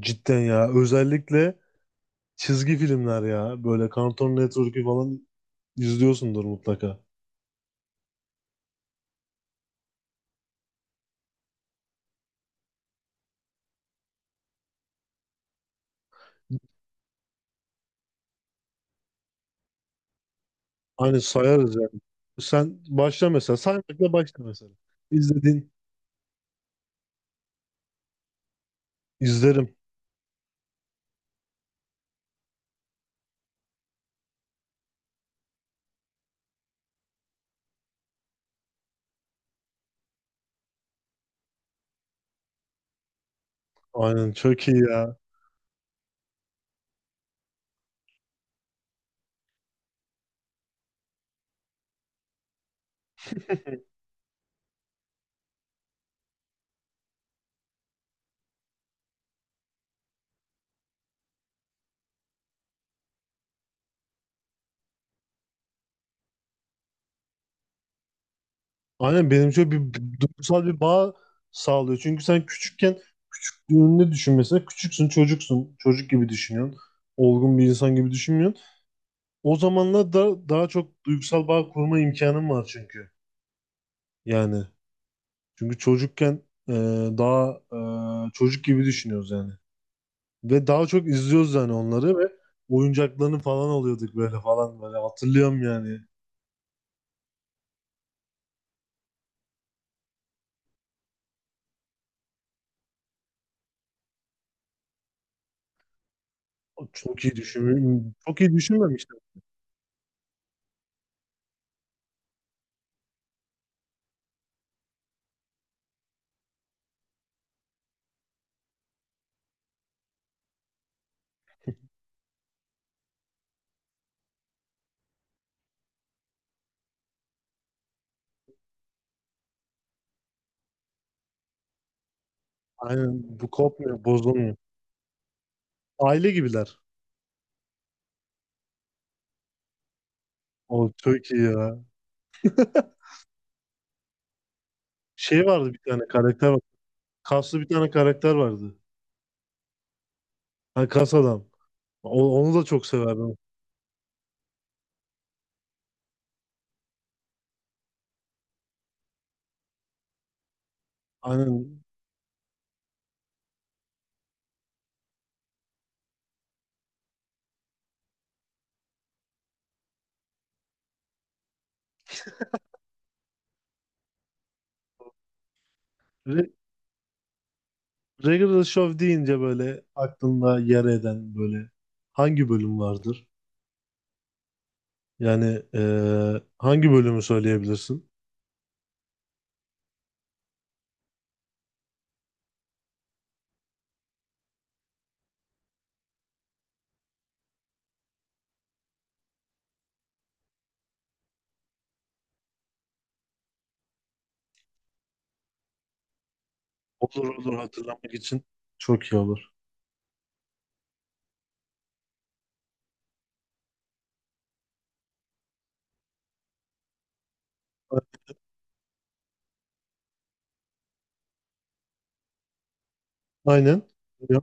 Cidden ya. Özellikle çizgi filmler ya. Böyle Cartoon Network'ü falan izliyorsundur mutlaka. Hani sayarız yani. Sen başla mesela. Saymakla başla mesela. İzledin. İzlerim. Aynen çok iyi ya. Aynen benim şöyle bir duygusal bir bağ sağlıyor. Çünkü sen küçükken küçüklüğünde düşün mesela. Küçüksün, çocuksun. Çocuk gibi düşünüyorsun. Olgun bir insan gibi düşünmüyorsun. O zamanlar da daha çok duygusal bağ kurma imkanın var çünkü. Yani. Çünkü çocukken e, daha çocuk gibi düşünüyoruz yani. Ve daha çok izliyoruz yani onları ve oyuncaklarını falan alıyorduk böyle falan böyle hatırlıyorum yani. Çok iyi düşünmüyorum. Çok iyi düşünmemiştim. Aynen bu kopmuyor, bozulmuyor. Aile gibiler. O çok iyi ya. Şey vardı bir tane karakter var. Kaslı bir tane karakter vardı. Ha, kas adam. Onu da çok severdim. Aynen. Re Regular Show deyince böyle aklında yer eden böyle hangi bölüm vardır? Yani hangi bölümü söyleyebilirsin? Olur olur hatırlamak için. Çok iyi olur. A- Aynen. Ya,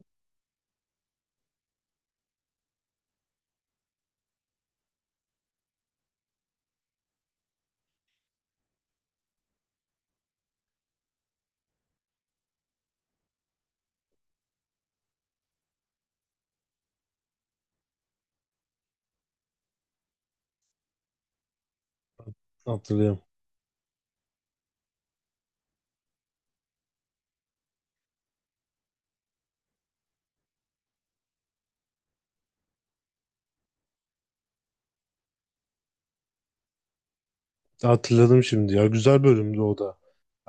Hatırlıyorum. Hatırladım şimdi ya. Güzel bölümdü o da.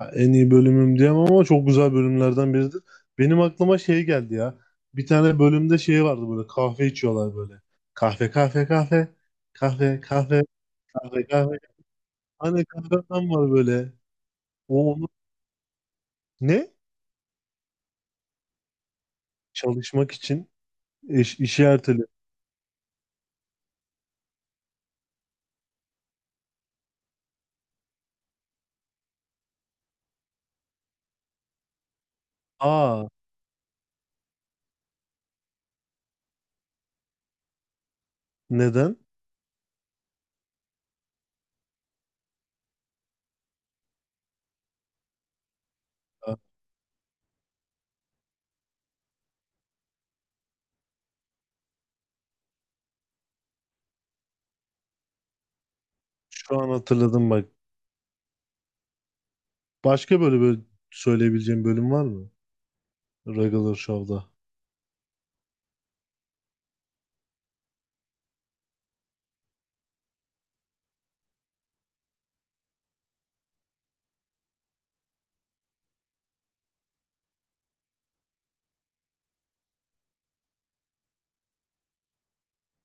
Ya, en iyi bölümüm diyemem ama çok güzel bölümlerden biridir. Benim aklıma şey geldi ya. Bir tane bölümde şey vardı böyle kahve içiyorlar böyle. Kahve kahve kahve. Kahve kahve kahve kahve. Hani kahveden var böyle. O onu ne? Çalışmak için işi erteli. Aa neden? Şu an hatırladım bak. Başka böyle böyle söyleyebileceğim bölüm var mı? Regular Show'da.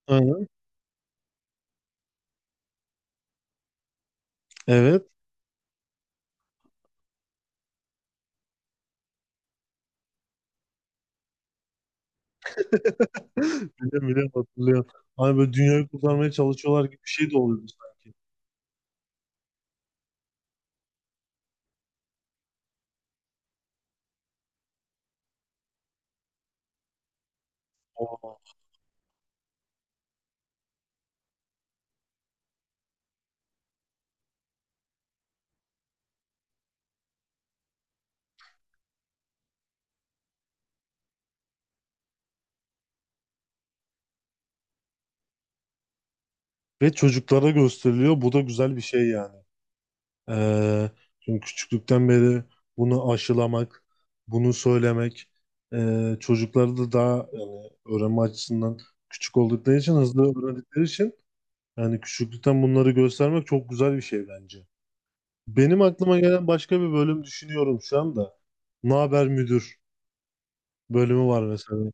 Aynen. Evet. Biliyorum biliyorum hatırlıyorum. Hani böyle dünyayı kurtarmaya çalışıyorlar gibi bir şey de oluyordu sanki. Aa. Ve çocuklara gösteriliyor. Bu da güzel bir şey yani. Ee, Çünkü küçüklükten beri bunu aşılamak, bunu söylemek, çocukları da daha yani öğrenme açısından küçük oldukları için, hızlı öğrendikleri için yani küçüklükten bunları göstermek çok güzel bir şey bence. Benim aklıma gelen başka bir bölüm düşünüyorum şu anda. Ne haber müdür bölümü var mesela.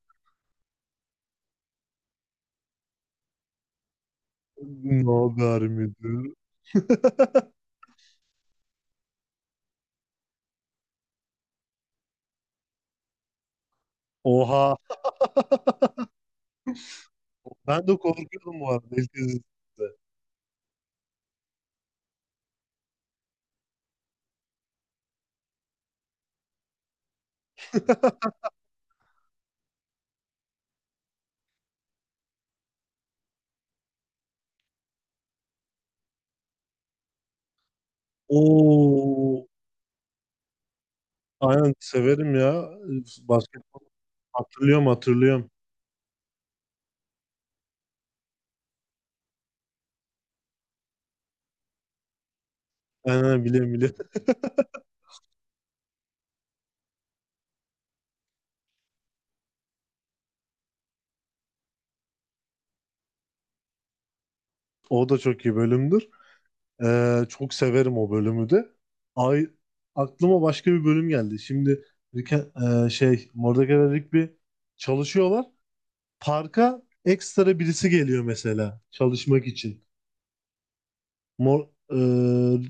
Ne haber müdür? Oha. Ben de korkuyordum bu arada ilk izlediğimde. Oo. Aynen severim ya. Basketbol hatırlıyorum hatırlıyorum. Aynen biliyorum biliyorum. O da çok iyi bölümdür. Çok severim o bölümü de. Ay, aklıma başka bir bölüm geldi. Şimdi Rick, şey Mordecai ve Rigby çalışıyorlar. Parka ekstra birisi geliyor mesela çalışmak için. Mor, e,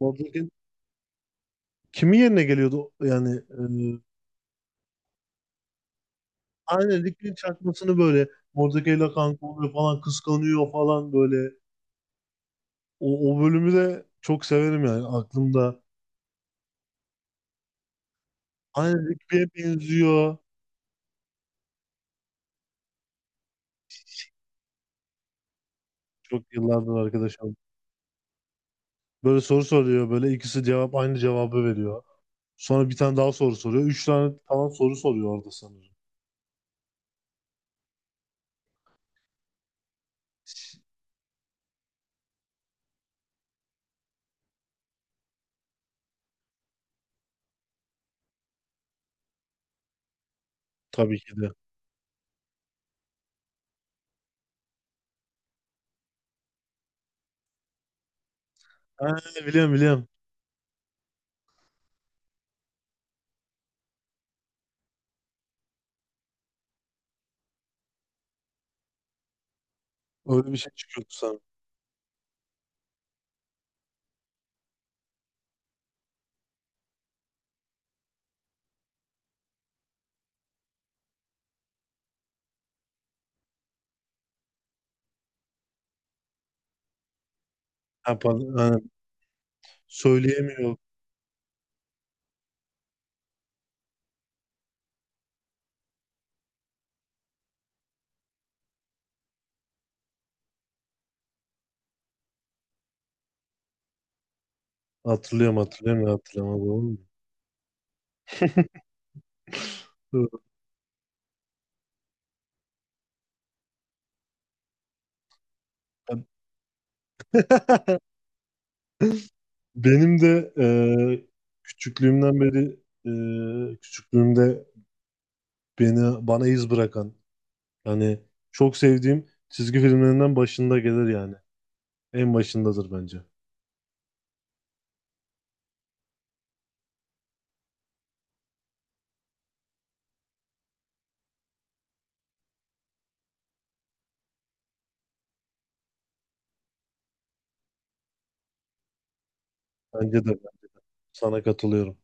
Mordecai- Kimin yerine geliyordu yani aynen Rick'in çakmasını böyle Mordecai'yle kanka oluyor falan kıskanıyor falan böyle. O bölümü de çok severim yani aklımda. Aynen Rigby'ye benziyor. Çok yıllardır arkadaşım. Böyle soru soruyor böyle ikisi cevap aynı cevabı veriyor. Sonra bir tane daha soru soruyor. Üç tane falan soru soruyor orada sanırım. Tabii ki de. Ha, biliyorum biliyorum. Öyle bir şey çıkıyordu sana. Ha, pardon, ha, söyleyemiyor. Hatırlıyorum hatırlıyorum ya, hatırlamadım oğlum. Benim de küçüklüğümden beri küçüklüğümde beni bana iz bırakan yani çok sevdiğim çizgi filmlerinden başında gelir yani. En başındadır bence. Bence de ben sana katılıyorum.